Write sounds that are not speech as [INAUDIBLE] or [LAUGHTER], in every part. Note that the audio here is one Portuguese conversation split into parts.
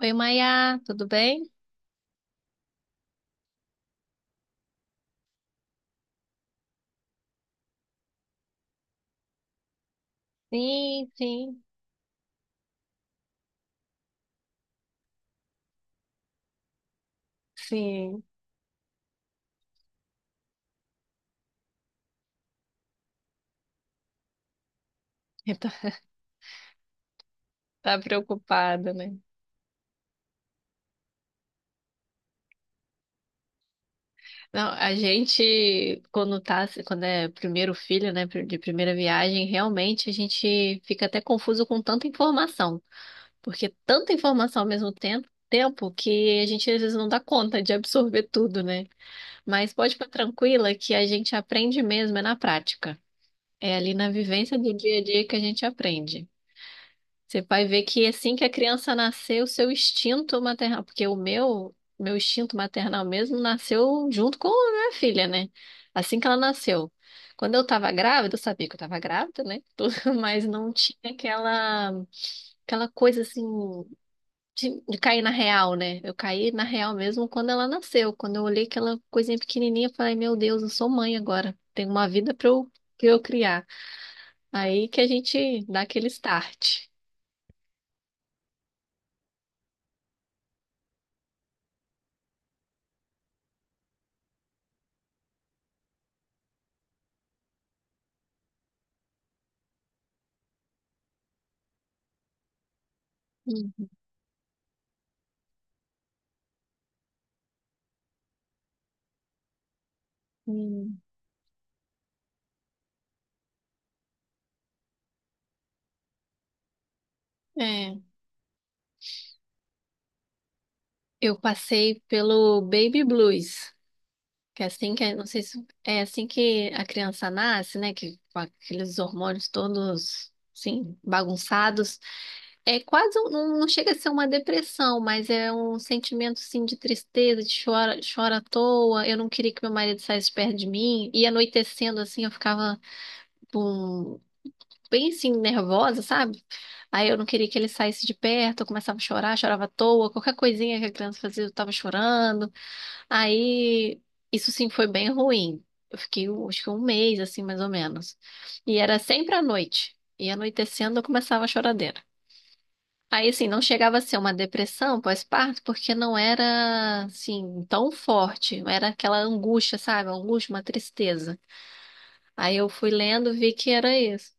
Oi, Maia, tudo bem? Sim, sim, sim. [LAUGHS] Tá preocupada, né? Não, a gente, quando é primeiro filho, né, de primeira viagem, realmente a gente fica até confuso com tanta informação, porque tanta informação ao mesmo tempo que a gente às vezes não dá conta de absorver tudo, né? Mas pode ficar tranquila que a gente aprende mesmo, é na prática. É ali na vivência do dia a dia que a gente aprende. Você vai ver que assim que a criança nascer, o seu instinto maternal, porque o meu instinto maternal mesmo nasceu junto com a minha filha, né? Assim que ela nasceu. Quando eu tava grávida, eu sabia que eu tava grávida, né? Tudo, [LAUGHS] mas não tinha aquela coisa assim de cair na real, né? Eu caí na real mesmo quando ela nasceu. Quando eu olhei aquela coisinha pequenininha, eu falei, meu Deus, eu sou mãe agora. Tenho uma vida pra eu criar. Aí que a gente dá aquele start. Hum. É, eu passei pelo baby blues, que é assim que, é, não sei se é assim que a criança nasce, né, que com aqueles hormônios todos, assim, bagunçados. É quase, não, não chega a ser uma depressão, mas é um sentimento, assim, de tristeza, de chora, chora à toa. Eu não queria que meu marido saísse perto de mim. E anoitecendo, assim, eu ficava bem assim, nervosa, sabe? Aí eu não queria que ele saísse de perto, eu começava a chorar, chorava à toa, qualquer coisinha que a criança fazia, eu tava chorando. Aí isso sim foi bem ruim. Eu fiquei, acho que um mês, assim, mais ou menos. E era sempre à noite. E anoitecendo eu começava a choradeira. Aí, assim, não chegava a ser uma depressão pós-parto, porque não era, assim, tão forte. Não era aquela angústia, sabe? Uma angústia, uma tristeza. Aí eu fui lendo, vi que era isso.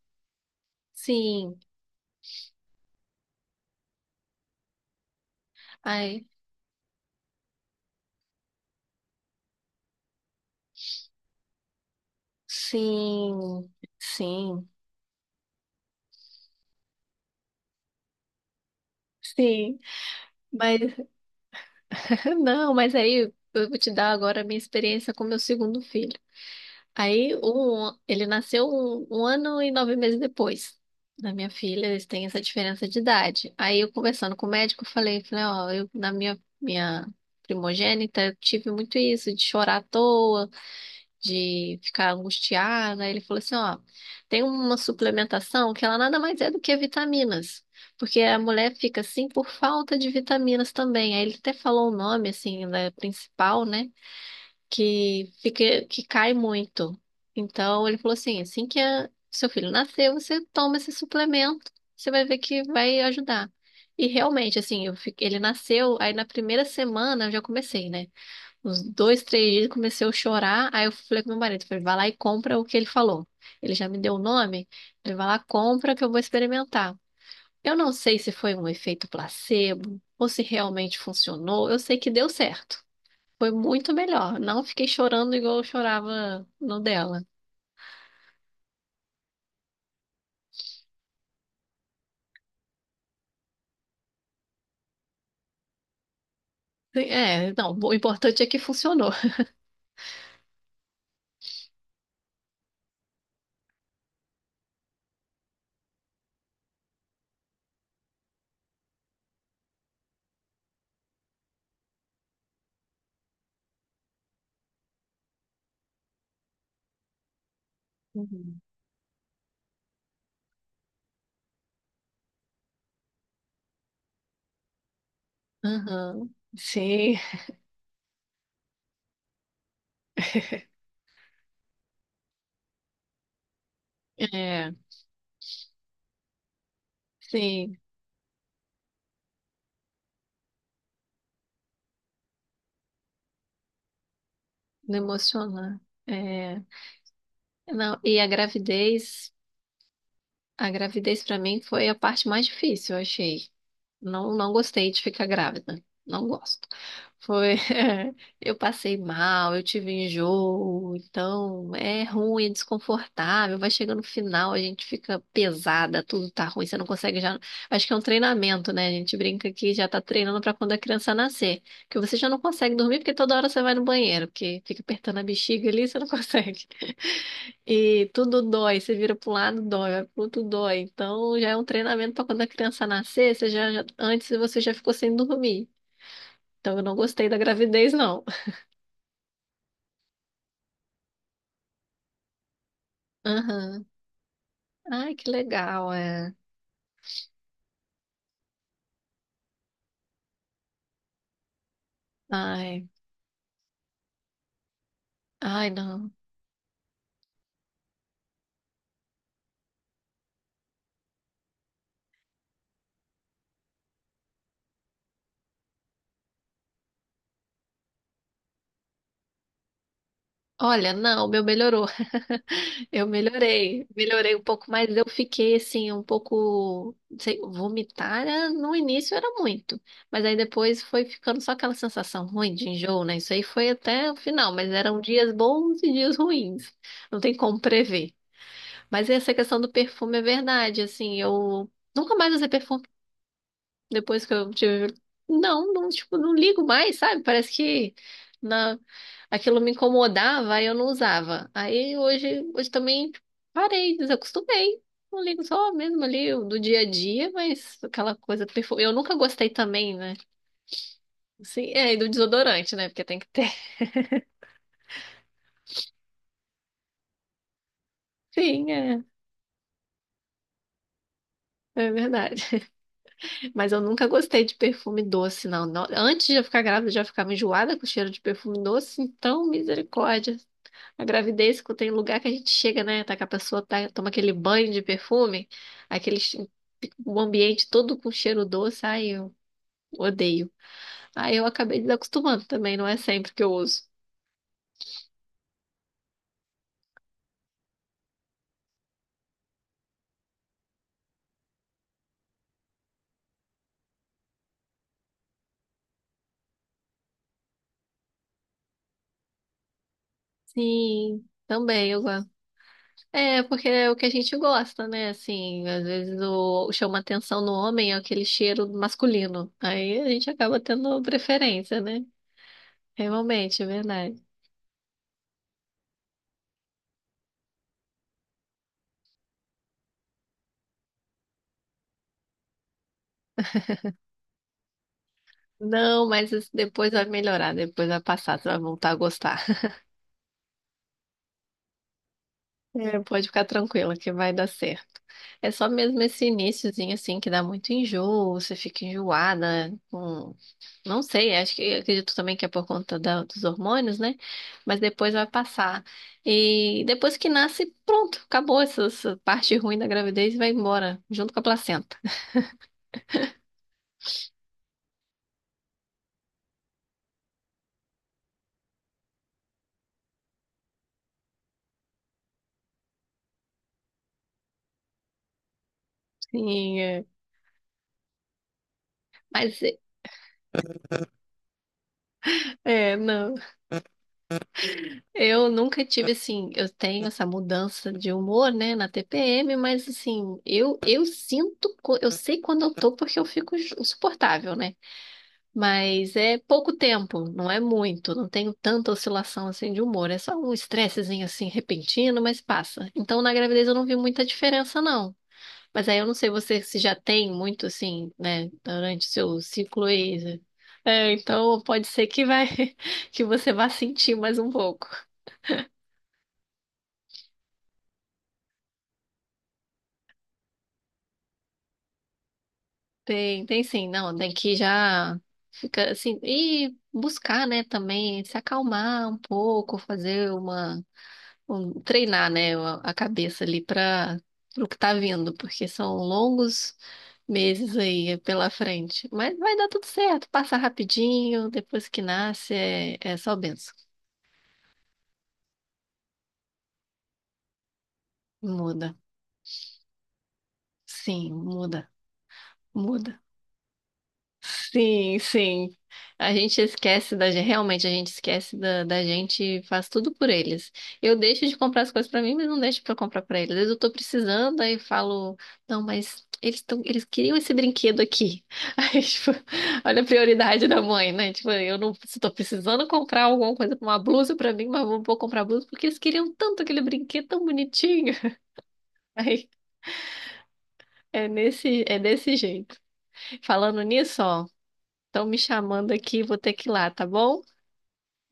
Sim. Aí. Sim, sim, sim. Mas [LAUGHS] não, mas aí eu vou te dar agora a minha experiência com meu segundo filho. Aí ele nasceu um ano e nove meses depois da minha filha, eles têm essa diferença de idade. Aí eu conversando com o médico, eu falei, ó, eu na minha primogênita eu tive muito isso de chorar à toa. De ficar angustiada. Ele falou assim, ó, tem uma suplementação que ela nada mais é do que vitaminas, porque a mulher fica assim por falta de vitaminas também. Aí ele até falou o nome assim da principal, né, que fica que cai muito. Então ele falou assim, assim que seu filho nascer, você toma esse suplemento, você vai ver que vai ajudar. E realmente, assim, eu ele nasceu, aí na primeira semana eu já comecei, né? Uns 2, 3 dias comecei a chorar. Aí eu falei com meu marido, falei, vai lá e compra o que ele falou. Ele já me deu o nome, ele vai lá, compra que eu vou experimentar. Eu não sei se foi um efeito placebo ou se realmente funcionou. Eu sei que deu certo. Foi muito melhor. Não fiquei chorando igual eu chorava no dela. É, não, o importante é que funcionou. Uhum. Aham. Sim. É, sim, não emociona. É, não, e a gravidez. A gravidez pra mim foi a parte mais difícil, eu achei. Não, não gostei de ficar grávida. Não gosto. Foi, [LAUGHS] eu passei mal, eu tive enjoo, então é ruim, é desconfortável, vai chegando no final, a gente fica pesada, tudo tá ruim, você não consegue já. Acho que é um treinamento, né? A gente brinca que já tá treinando pra quando a criança nascer, que você já não consegue dormir porque toda hora você vai no banheiro, porque fica apertando a bexiga ali, você não [LAUGHS] consegue. E tudo dói, você vira pro lado, dói, vai pro outro dói. Então já é um treinamento para quando a criança nascer, você antes você já ficou sem dormir. Então eu não gostei da gravidez, não. [LAUGHS] Aham. Ai, que legal, é. Ai, ai, não. Olha, não, o meu melhorou. Eu melhorei, melhorei um pouco, mas eu fiquei assim, um pouco, não sei, vomitar no início era muito, mas aí depois foi ficando só aquela sensação ruim de enjoo, né? Isso aí foi até o final, mas eram dias bons e dias ruins, não tem como prever. Mas essa questão do perfume é verdade, assim, eu nunca mais usei perfume. Depois que eu tive. Não, não, tipo, não ligo mais, sabe? Parece que na... aquilo me incomodava e eu não usava. Aí hoje também parei, desacostumei. Não ligo só mesmo ali do dia a dia, mas aquela coisa perfume. Eu nunca gostei também, né? Sim, é, e do desodorante, né? Porque tem que ter. [LAUGHS] Sim, é. É verdade. Mas eu nunca gostei de perfume doce, não. Antes de eu ficar grávida, eu já ficava enjoada com o cheiro de perfume doce, então misericórdia. A gravidez, que tem lugar que a gente chega, né? Tá que a pessoa tá, toma aquele banho de perfume, aquele o ambiente todo com cheiro doce, ai, eu odeio. Aí eu acabei desacostumando também, não é sempre que eu uso. Sim, também eu gosto. É, porque é o que a gente gosta, né? Assim, às vezes o chama atenção no homem é aquele cheiro masculino. Aí a gente acaba tendo preferência, né? Realmente, é verdade. Não, mas isso depois vai melhorar, depois vai passar, você vai voltar a gostar. É, pode ficar tranquila que vai dar certo. É só mesmo esse iniciozinho assim que dá muito enjoo, você fica enjoada, com... não sei, acho que acredito também que é por conta dos hormônios, né? Mas depois vai passar. E depois que nasce, pronto, acabou essa parte ruim da gravidez e vai embora, junto com a placenta. [LAUGHS] Sim, é. Mas é, é, não. Eu nunca tive assim, eu tenho essa mudança de humor, né, na TPM, mas assim, eu sinto, eu sei quando eu tô porque eu fico insuportável, né? Mas é pouco tempo, não é muito, não tenho tanta oscilação assim de humor, é só um estressezinho assim repentino, mas passa. Então na gravidez eu não vi muita diferença não. Mas aí eu não sei você se já tem muito assim, né, durante o seu ciclo e é, então pode ser que vai [LAUGHS] que você vá sentir mais um pouco. Tem sim, não, tem que já fica assim, e buscar, né, também, se acalmar um pouco, fazer treinar, né, a cabeça ali para o que tá vindo, porque são longos meses aí pela frente. Mas vai dar tudo certo, passa rapidinho, depois que nasce é só benção. Muda, sim, muda, muda. Sim, sim. A gente esquece da gente, realmente a gente esquece da gente, e faz tudo por eles. Eu deixo de comprar as coisas pra mim, mas não deixo pra comprar pra eles. Às vezes eu tô precisando, aí eu falo, não, mas eles tão, eles queriam esse brinquedo aqui. [LAUGHS] Aí, tipo, olha a prioridade da mãe, né? Tipo, eu não, se tô precisando comprar alguma coisa, uma blusa pra mim, mas não vou comprar blusa porque eles queriam tanto aquele brinquedo tão bonitinho. [LAUGHS] Aí, é desse jeito. Falando nisso, ó, estão me chamando aqui, vou ter que ir lá, tá bom?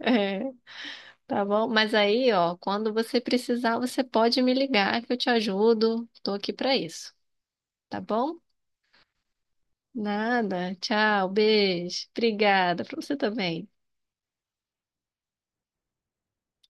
É, tá bom? Mas aí, ó, quando você precisar, você pode me ligar que eu te ajudo. Tô aqui pra isso, tá bom? Nada. Tchau, beijo. Obrigada. Pra você também.